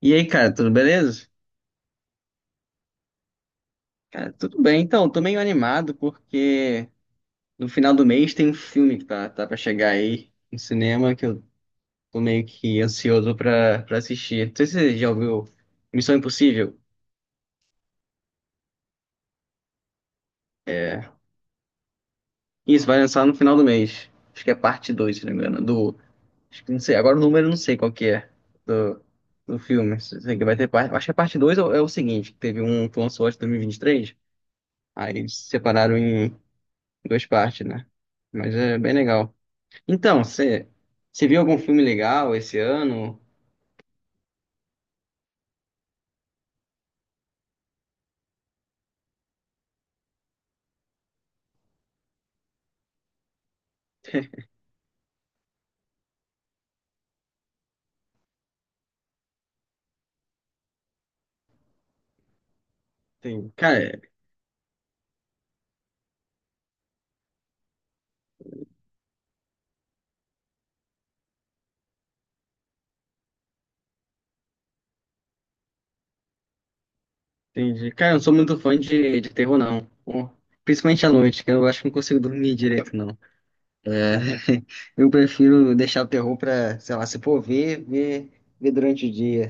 E aí, cara, tudo beleza? Cara, tudo bem. Então, tô meio animado porque no final do mês tem um filme que tá pra chegar aí no cinema que eu tô meio que ansioso pra assistir. Não sei se você já ouviu Missão Impossível. É. Isso, vai lançar no final do mês. Acho que é parte 2 se não me engano. Do. Acho que não sei. Agora o número eu não sei qual que é do, do filme. Sei que vai ter parte. Acho que a parte 2 é, o é o seguinte: que teve um que lançou acho que em dois mil e vinte e três. Aí eles separaram em duas partes, né? Mas é bem legal. Então, você viu algum filme legal esse ano? Tem, cara, entendi. Cara, eu não sou muito fã de terror, não. Pô, principalmente à noite, que eu acho que não consigo dormir direito, não. É, eu prefiro deixar o terror pra, sei lá, se for ver, ver durante o dia.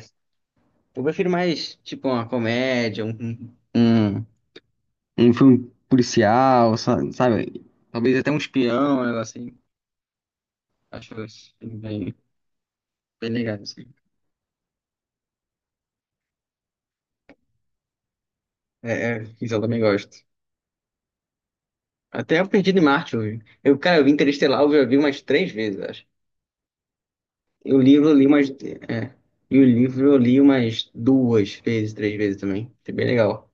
Eu prefiro mais, tipo, uma comédia, um filme policial, sabe? Talvez até um espião, um negócio assim. Acho assim, bem legal, assim. É, isso eu também gosto. Até o Perdido em Marte eu vi. Eu, cara, eu vi Interestelar, eu já vi umas três vezes, acho. E o livro eu li umas. É. E o livro eu li umas duas vezes, três vezes também. Foi bem legal.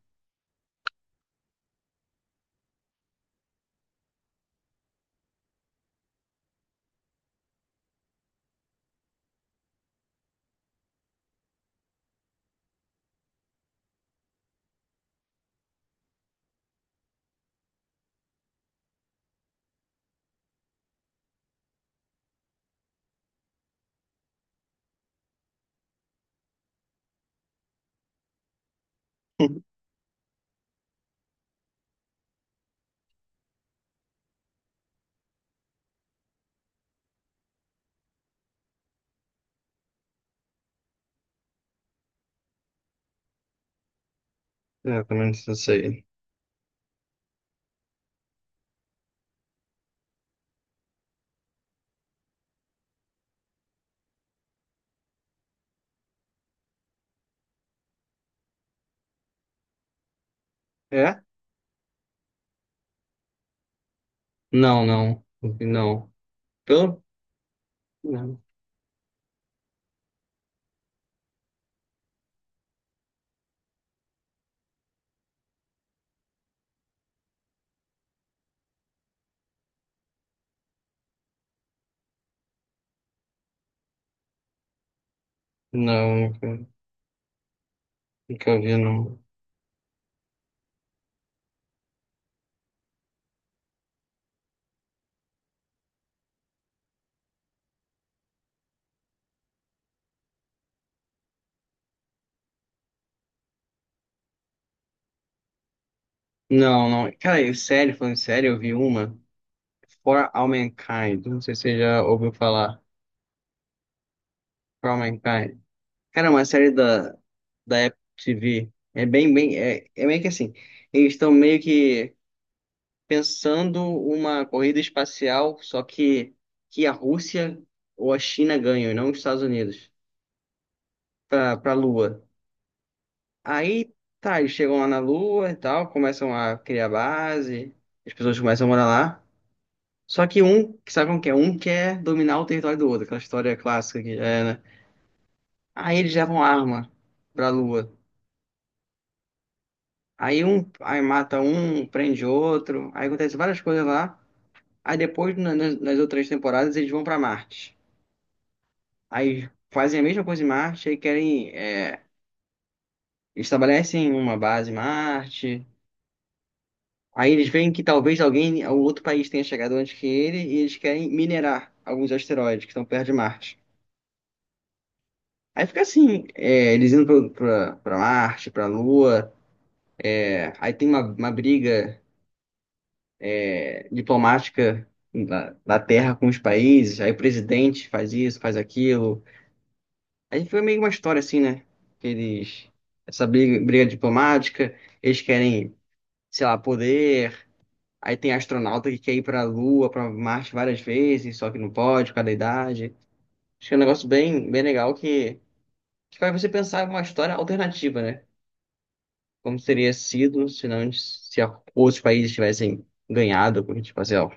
É, pelo menos isso aí. É? Não, não. Não. Pelo. Não. Não, nunca, nunca vi, não. Não, não. Cara, eu, sério, falando sério, eu vi uma. For All Mankind. Não sei se você já ouviu falar. For All Mankind. Cara, é uma da Apple TV. É bem, é, é meio que assim, eles estão meio que pensando uma corrida espacial, só que a Rússia ou a China ganham, e não os Estados Unidos, para a Lua. Aí, tá, eles chegam lá na Lua e tal, começam a criar base, as pessoas começam a morar lá. Só que um, que sabe como que é? Um quer dominar o território do outro, aquela história clássica que é, né? Aí eles levam arma pra Lua. Aí um, aí mata um, prende outro, aí acontece várias coisas lá. Aí depois, nas, nas outras temporadas, eles vão pra Marte. Aí fazem a mesma coisa em Marte, aí querem, é, estabelecem uma base em Marte. Aí eles veem que talvez alguém, algum outro país tenha chegado antes que ele, e eles querem minerar alguns asteroides que estão perto de Marte. Aí fica assim, é, eles indo pra Marte, pra Lua. Aí tem uma briga diplomática da terra com os países, aí o presidente faz isso, faz aquilo. Aí foi meio uma história assim, né? Que eles, essa briga diplomática, eles querem, sei lá, poder. Aí tem astronauta que quer ir pra Lua, pra Marte várias vezes, só que não pode, por causa da idade. Acho que é um negócio bem legal que faz você pensar em uma história alternativa, né? Como teria sido se não, se outros países tivessem ganhado, porque, tipo assim, ó,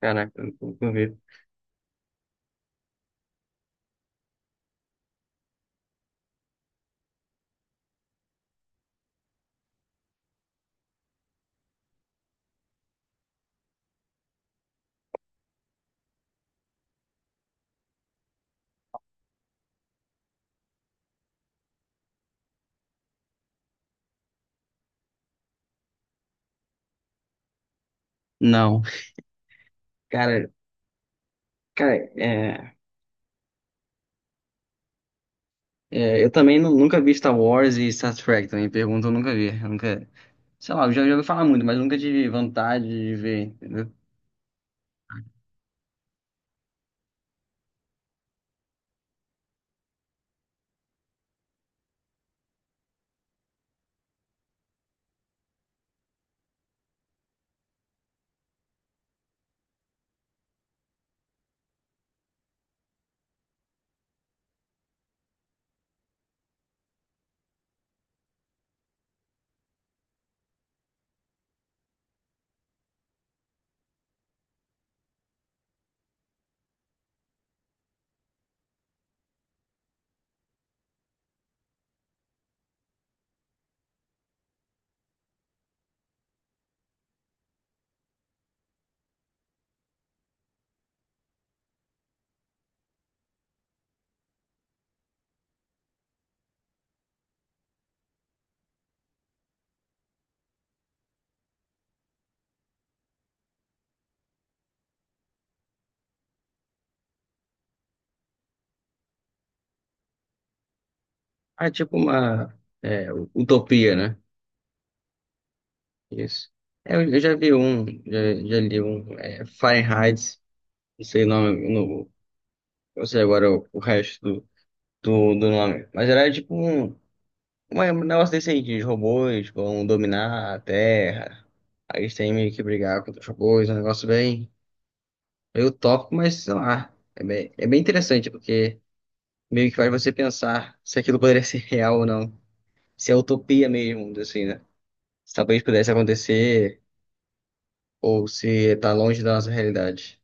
caraca, eu não vi. Não. Cara, cara, eu também nunca vi Star Wars e Star Trek, também pergunta, eu nunca vi. Eu nunca, sei lá, eu já ouvi falar muito, mas nunca tive vontade de ver, entendeu? Ah, é tipo uma utopia, né? Isso. É, eu já vi um, já li um, é, Fahrenheit, não sei o nome, no, eu sei agora o resto do nome, mas era tipo um, um negócio desse aí, de robôs vão dominar a Terra, aí eles têm meio que brigar contra os robôs, um negócio bem. Eu topo, mas sei lá. É bem interessante, porque meio que faz você pensar se aquilo poderia ser real ou não. Se é utopia mesmo, assim, né? Se talvez pudesse acontecer, ou se tá longe da nossa realidade.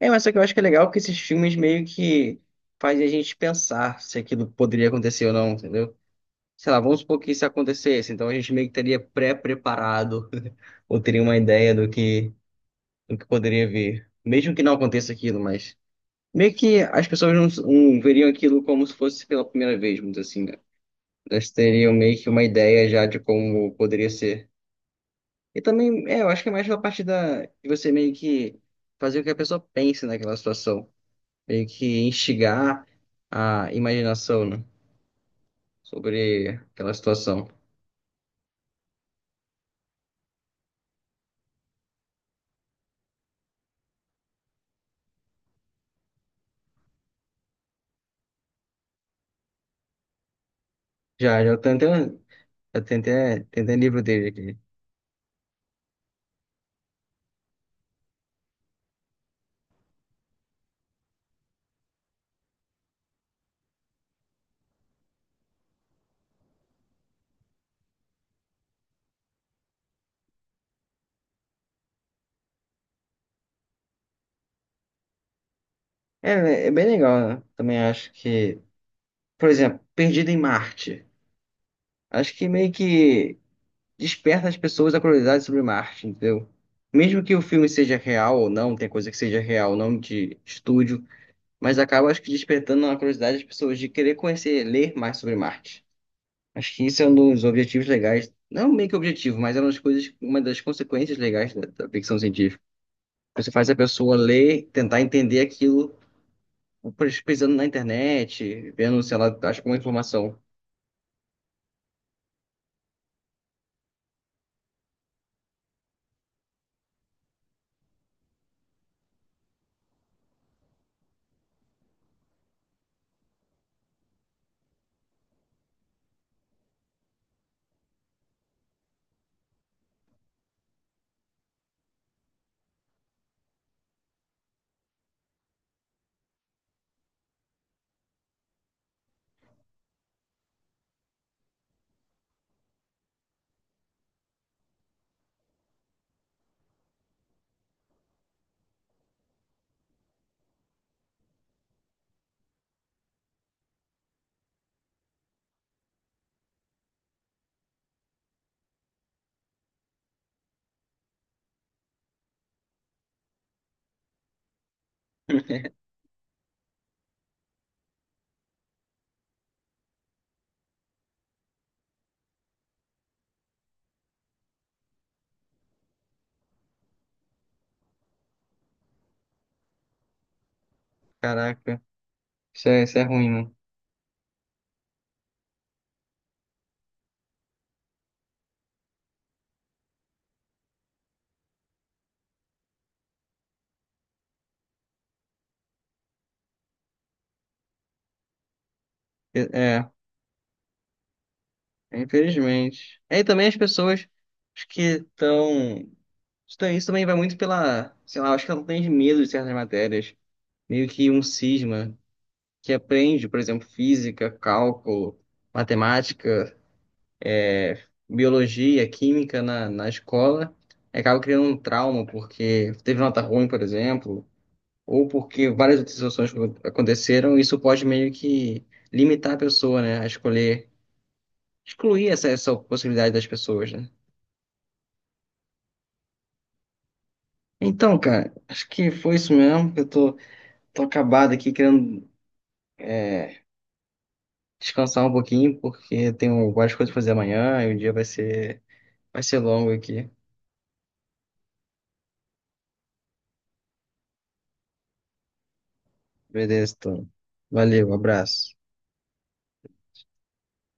É, mas só que eu acho que é legal que esses filmes meio que fazem a gente pensar se aquilo poderia acontecer ou não, entendeu? Sei lá, vamos supor que isso acontecesse, então a gente meio que estaria pré-preparado, ou teria uma ideia do que poderia vir. Mesmo que não aconteça aquilo, mas. Meio que as pessoas não veriam aquilo como se fosse pela primeira vez, vamos dizer assim, né? Elas teriam meio que uma ideia já de como poderia ser. E também, é, eu acho que é mais pela parte de você meio que fazer com que a pessoa pense naquela situação. Meio que instigar a imaginação, né? Sobre aquela situação. Já, já tentei, tentei livro dele aqui. É, é bem legal, né? Também acho que, por exemplo, Perdido em Marte. Acho que meio que desperta as pessoas a curiosidade sobre Marte, entendeu? Mesmo que o filme seja real ou não, tem coisa que seja real, não de estúdio, mas acaba, acho que, despertando a curiosidade das pessoas de querer conhecer, ler mais sobre Marte. Acho que isso é um dos objetivos legais, não meio que objetivo, mas é uma das coisas, uma das consequências legais da ficção científica. Você faz a pessoa ler, tentar entender aquilo, pesquisando na internet, vendo, sei lá, acho que uma informação. Caraca, isso é ruim, né? É, é. Infelizmente. É, e também as pessoas acho que estão. Isso também vai muito pela. Sei lá, acho que ela tem medo de certas matérias. Meio que um cisma que aprende, por exemplo, física, cálculo, matemática, biologia, química na escola. E acaba criando um trauma porque teve nota ruim, por exemplo, ou porque várias outras situações que aconteceram. Isso pode meio que limitar a pessoa, né, a escolher, excluir essa possibilidade das pessoas, né? Então, cara, acho que foi isso mesmo. Eu tô acabado aqui querendo é, descansar um pouquinho, porque tenho várias coisas pra fazer amanhã e o dia vai ser longo aqui. Beleza, então. Valeu, um abraço.